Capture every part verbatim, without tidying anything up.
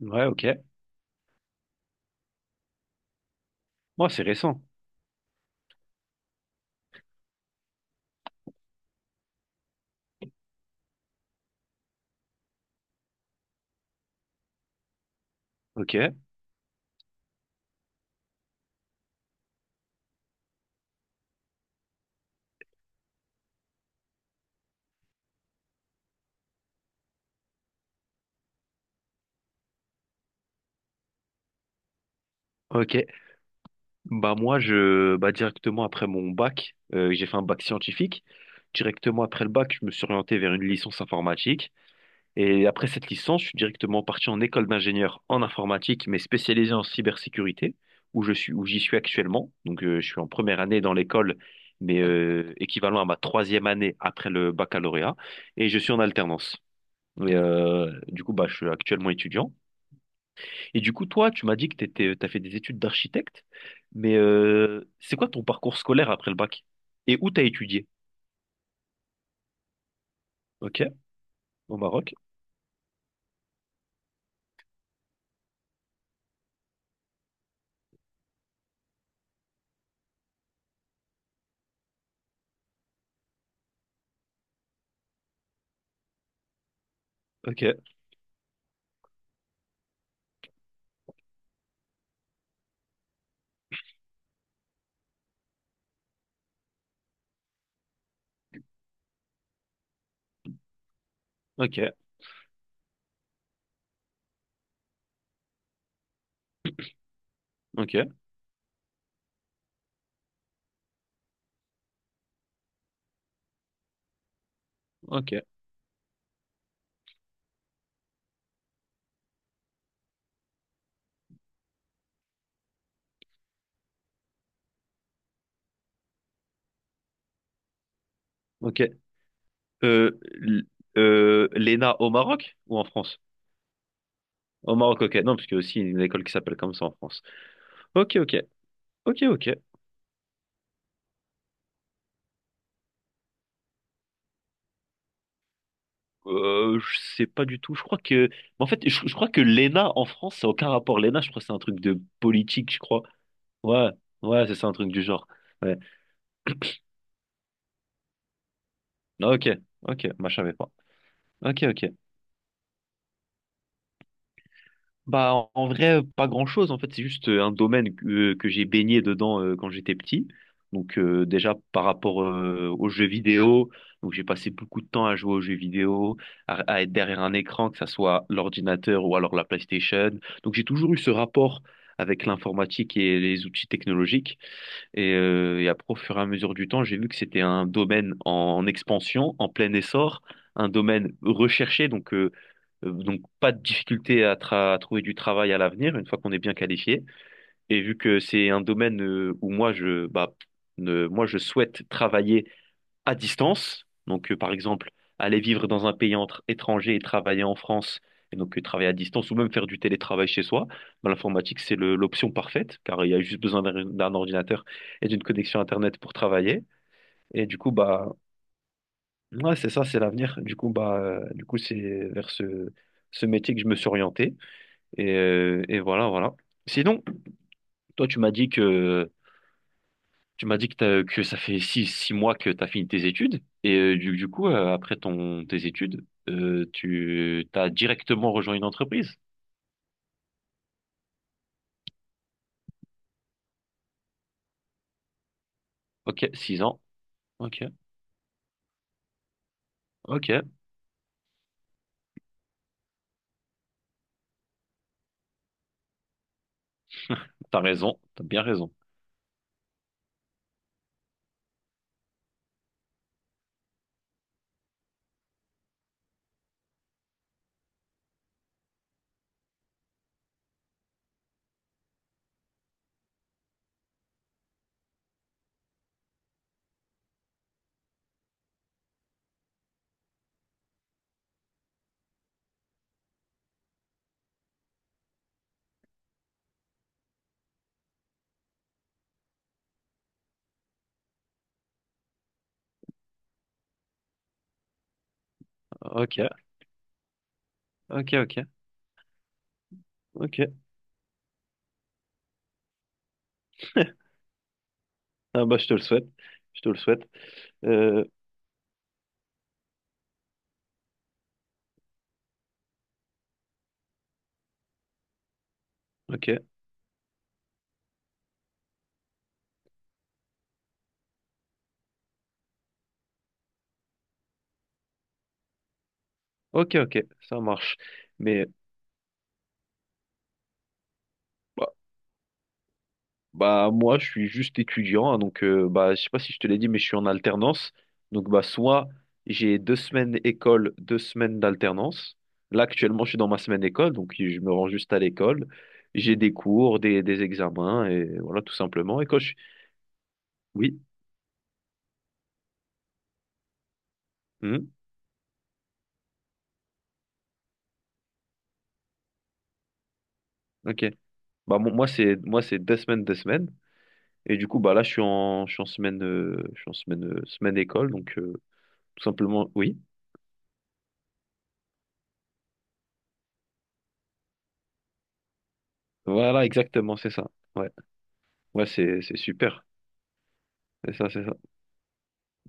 Ouais, ok. Moi, c'est récent. Ok, ok. Bah moi, je, bah directement après mon bac, euh, j'ai fait un bac scientifique. Directement après le bac, je me suis orienté vers une licence informatique. Et après cette licence, je suis directement parti en école d'ingénieur en informatique, mais spécialisé en cybersécurité, où je suis, où j'y suis actuellement. Donc, euh, je suis en première année dans l'école, mais euh, équivalent à ma troisième année après le baccalauréat. Et je suis en alternance. Et euh, du coup, bah, je suis actuellement étudiant. Et du coup, toi, tu m'as dit que t'étais, t'as fait des études d'architecte, mais euh, c'est quoi ton parcours scolaire après le bac? Et où t'as étudié? Ok, au Maroc. Ok, ok, ok, ok, ok. Euh, l- euh, L'E N A au Maroc ou en France? Au Maroc, ok. Non, parce qu'il y a aussi une école qui s'appelle comme ça en France. Ok, ok, ok, ok. Euh, je sais pas du tout. Je crois que, en fait, je, je crois que l'E N A en France, ça n'a aucun rapport. L'E N A, je crois que c'est un truc de politique, je crois. Ouais, ouais, c'est ça, un truc du genre. Ouais. Ah, ok, ok, moi je savais pas. Ok, ok. Bah en, en vrai, euh, pas grand-chose en fait, c'est juste euh, un domaine que, euh, que j'ai baigné dedans euh, quand j'étais petit. Donc euh, déjà par rapport euh, aux jeux vidéo, donc j'ai passé beaucoup de temps à jouer aux jeux vidéo, à, à être derrière un écran, que ça soit l'ordinateur ou alors la PlayStation. Donc j'ai toujours eu ce rapport avec l'informatique et les outils technologiques. Et, euh, et après, au fur et à mesure du temps, j'ai vu que c'était un domaine en expansion, en plein essor, un domaine recherché, donc, euh, euh, donc pas de difficulté à, tra- à trouver du travail à l'avenir, une fois qu'on est bien qualifié. Et vu que c'est un domaine euh, où moi je, bah, ne- moi, je souhaite travailler à distance, donc euh, par exemple aller vivre dans un pays entre étranger et travailler en France, et donc euh, travailler à distance ou même faire du télétravail chez soi, ben, l'informatique c'est le- l'option parfaite car il y a juste besoin d'un d'un ordinateur et d'une connexion Internet pour travailler. Et du coup bah ouais, c'est ça, c'est l'avenir. Du coup bah euh, du coup c'est vers ce ce métier que je me suis orienté et, euh, et voilà voilà. Sinon, toi tu m'as dit que Tu m'as dit que, t'as- que ça fait six, six mois que tu as fini tes études et euh, du, du coup, euh, après ton, tes études, euh, tu t'as directement rejoint une entreprise. Ok, six ans. Ok, ok, t'as raison, t'as bien raison. Ok, ok, ok, ok. Ah bah, je te le souhaite, je te le souhaite. Euh, ok, ok, ok, ça marche. Mais Bah moi je suis juste étudiant, hein, donc euh, bah je sais pas si je te l'ai dit, mais je suis en alternance. Donc bah soit j'ai deux semaines école, deux semaines d'alternance. Là actuellement je suis dans ma semaine école, donc je me rends juste à l'école. J'ai des cours, des, des examens, et voilà tout simplement. Et quand je... Oui. Mhm. Ok. Bah mo- moi c'est moi c'est deux semaines, deux semaines. Et du coup bah là je suis en je suis en semaine euh, je suis en semaine euh, semaine école, donc euh, tout simplement oui. Voilà exactement c'est ça. Ouais, ouais, c'est c'est super. C'est ça, c'est ça.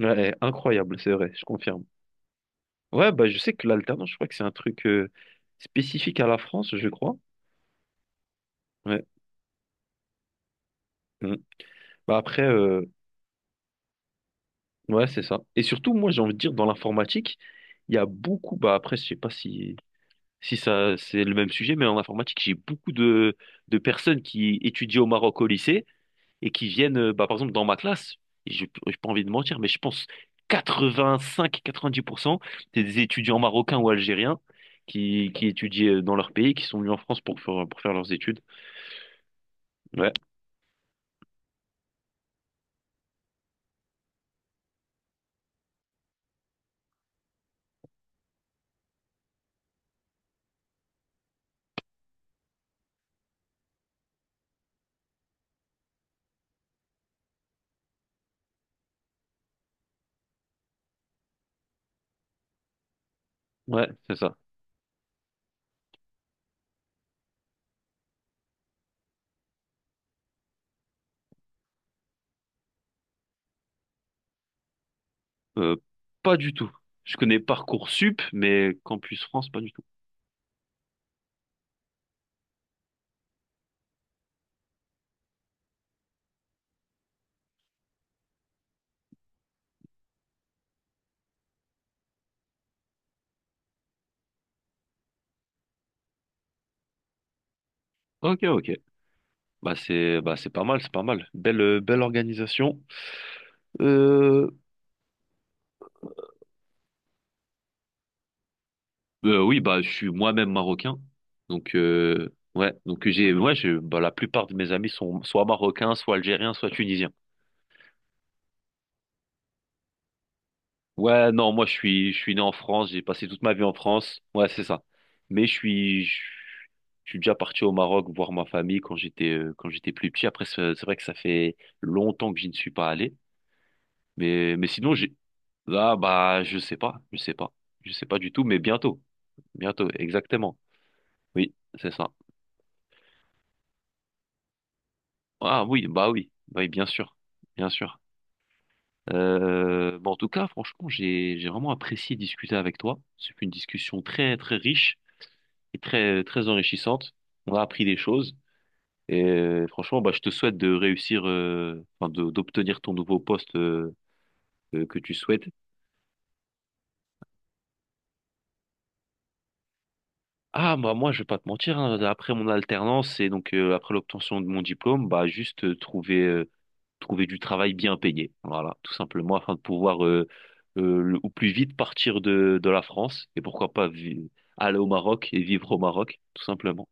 Ouais, incroyable, c'est vrai, je confirme. Ouais, bah je sais que l'alternance, je crois que c'est un truc euh, spécifique à la France, je crois. Ouais. Mm. Bah après, euh, ouais, c'est ça. Et surtout, moi, j'ai envie de dire, dans l'informatique, il y a beaucoup, bah après, je sais pas si, si ça c'est le même sujet, mais en informatique, j'ai beaucoup de, de personnes qui étudient au Maroc au lycée et qui viennent, euh, bah, par exemple, dans ma classe, et j'ai j'ai pas envie de mentir, mais je pense quatre-vingt-cinq-quatre-vingt-dix pour cent, c'est des étudiants marocains ou algériens qui, qui étudient euh, dans leur pays, qui sont venus en France pour faire, pour faire leurs études. Ouais, ouais, c'est ça. Euh, Pas du tout. Je connais Parcoursup, mais Campus France, pas du tout. Ok, ok. Bah c'est bah c'est pas mal, c'est pas mal. Belle euh, belle organisation. Euh, Euh, oui, bah, je suis moi-même marocain. Donc, euh, ouais. Donc, j'ai, ouais, je, bah, la plupart de mes amis sont soit marocains, soit algériens, soit tunisiens. Ouais, non, moi, je suis, je suis né en France. J'ai passé toute ma vie en France. Ouais, c'est ça. Mais je suis, je, je suis déjà parti au Maroc voir ma famille quand j'étais, euh, quand j'étais plus petit. Après, c'est c'est vrai que ça fait longtemps que je ne suis pas allé. Mais, mais sinon, j'ai, là, bah, je sais pas, je sais pas, je sais pas du tout, mais bientôt, bientôt, exactement. Oui, c'est ça. Ah oui, bah oui, bah oui, bien sûr, bien sûr. Euh, bon, en tout cas, franchement, j'ai j'ai vraiment apprécié discuter avec toi. C'est une discussion très très riche et très très enrichissante. On a appris des choses et euh, franchement, bah, je te souhaite de réussir, euh, enfin, de- d'obtenir ton nouveau poste euh, euh, que tu souhaites. Ah, bah moi, je vais pas te mentir. Hein, après mon alternance et donc euh, après l'obtention de mon diplôme, bah juste euh, trouver euh, trouver du travail bien payé. Voilà, tout simplement, afin de pouvoir euh, euh, le- au plus vite partir de, de la France et pourquoi pas vi- aller au Maroc et vivre au Maroc, tout simplement.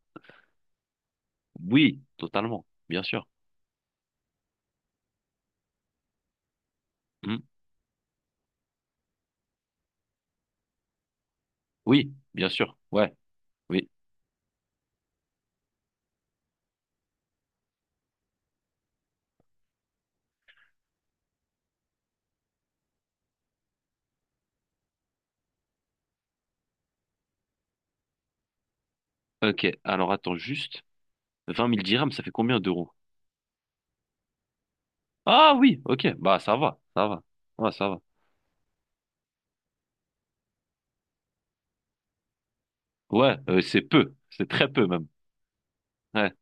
Oui, totalement, bien sûr. Hmm. Oui, bien sûr, ouais, oui. Ok, alors attends juste, vingt mille dirhams, ça fait combien d'euros? Ah oui, ok, bah ça va, ça va, ouais, ça va. Ouais, euh, c'est peu, c'est très peu même. Ouais,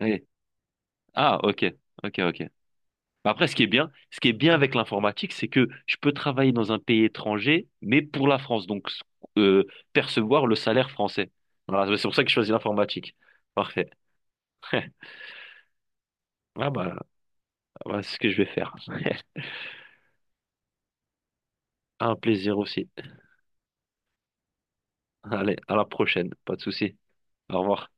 ouais. Ah, ok, ok, ok. Mais après, ce qui est bien, ce qui est bien avec l'informatique, c'est que je peux travailler dans un pays étranger, mais pour la France, donc euh, percevoir le salaire français. Voilà, c'est pour ça que je choisis l'informatique. Parfait. Ah bah, bah, c'est ce que je vais faire. Un plaisir aussi. Allez, à la prochaine, pas de souci. Au revoir.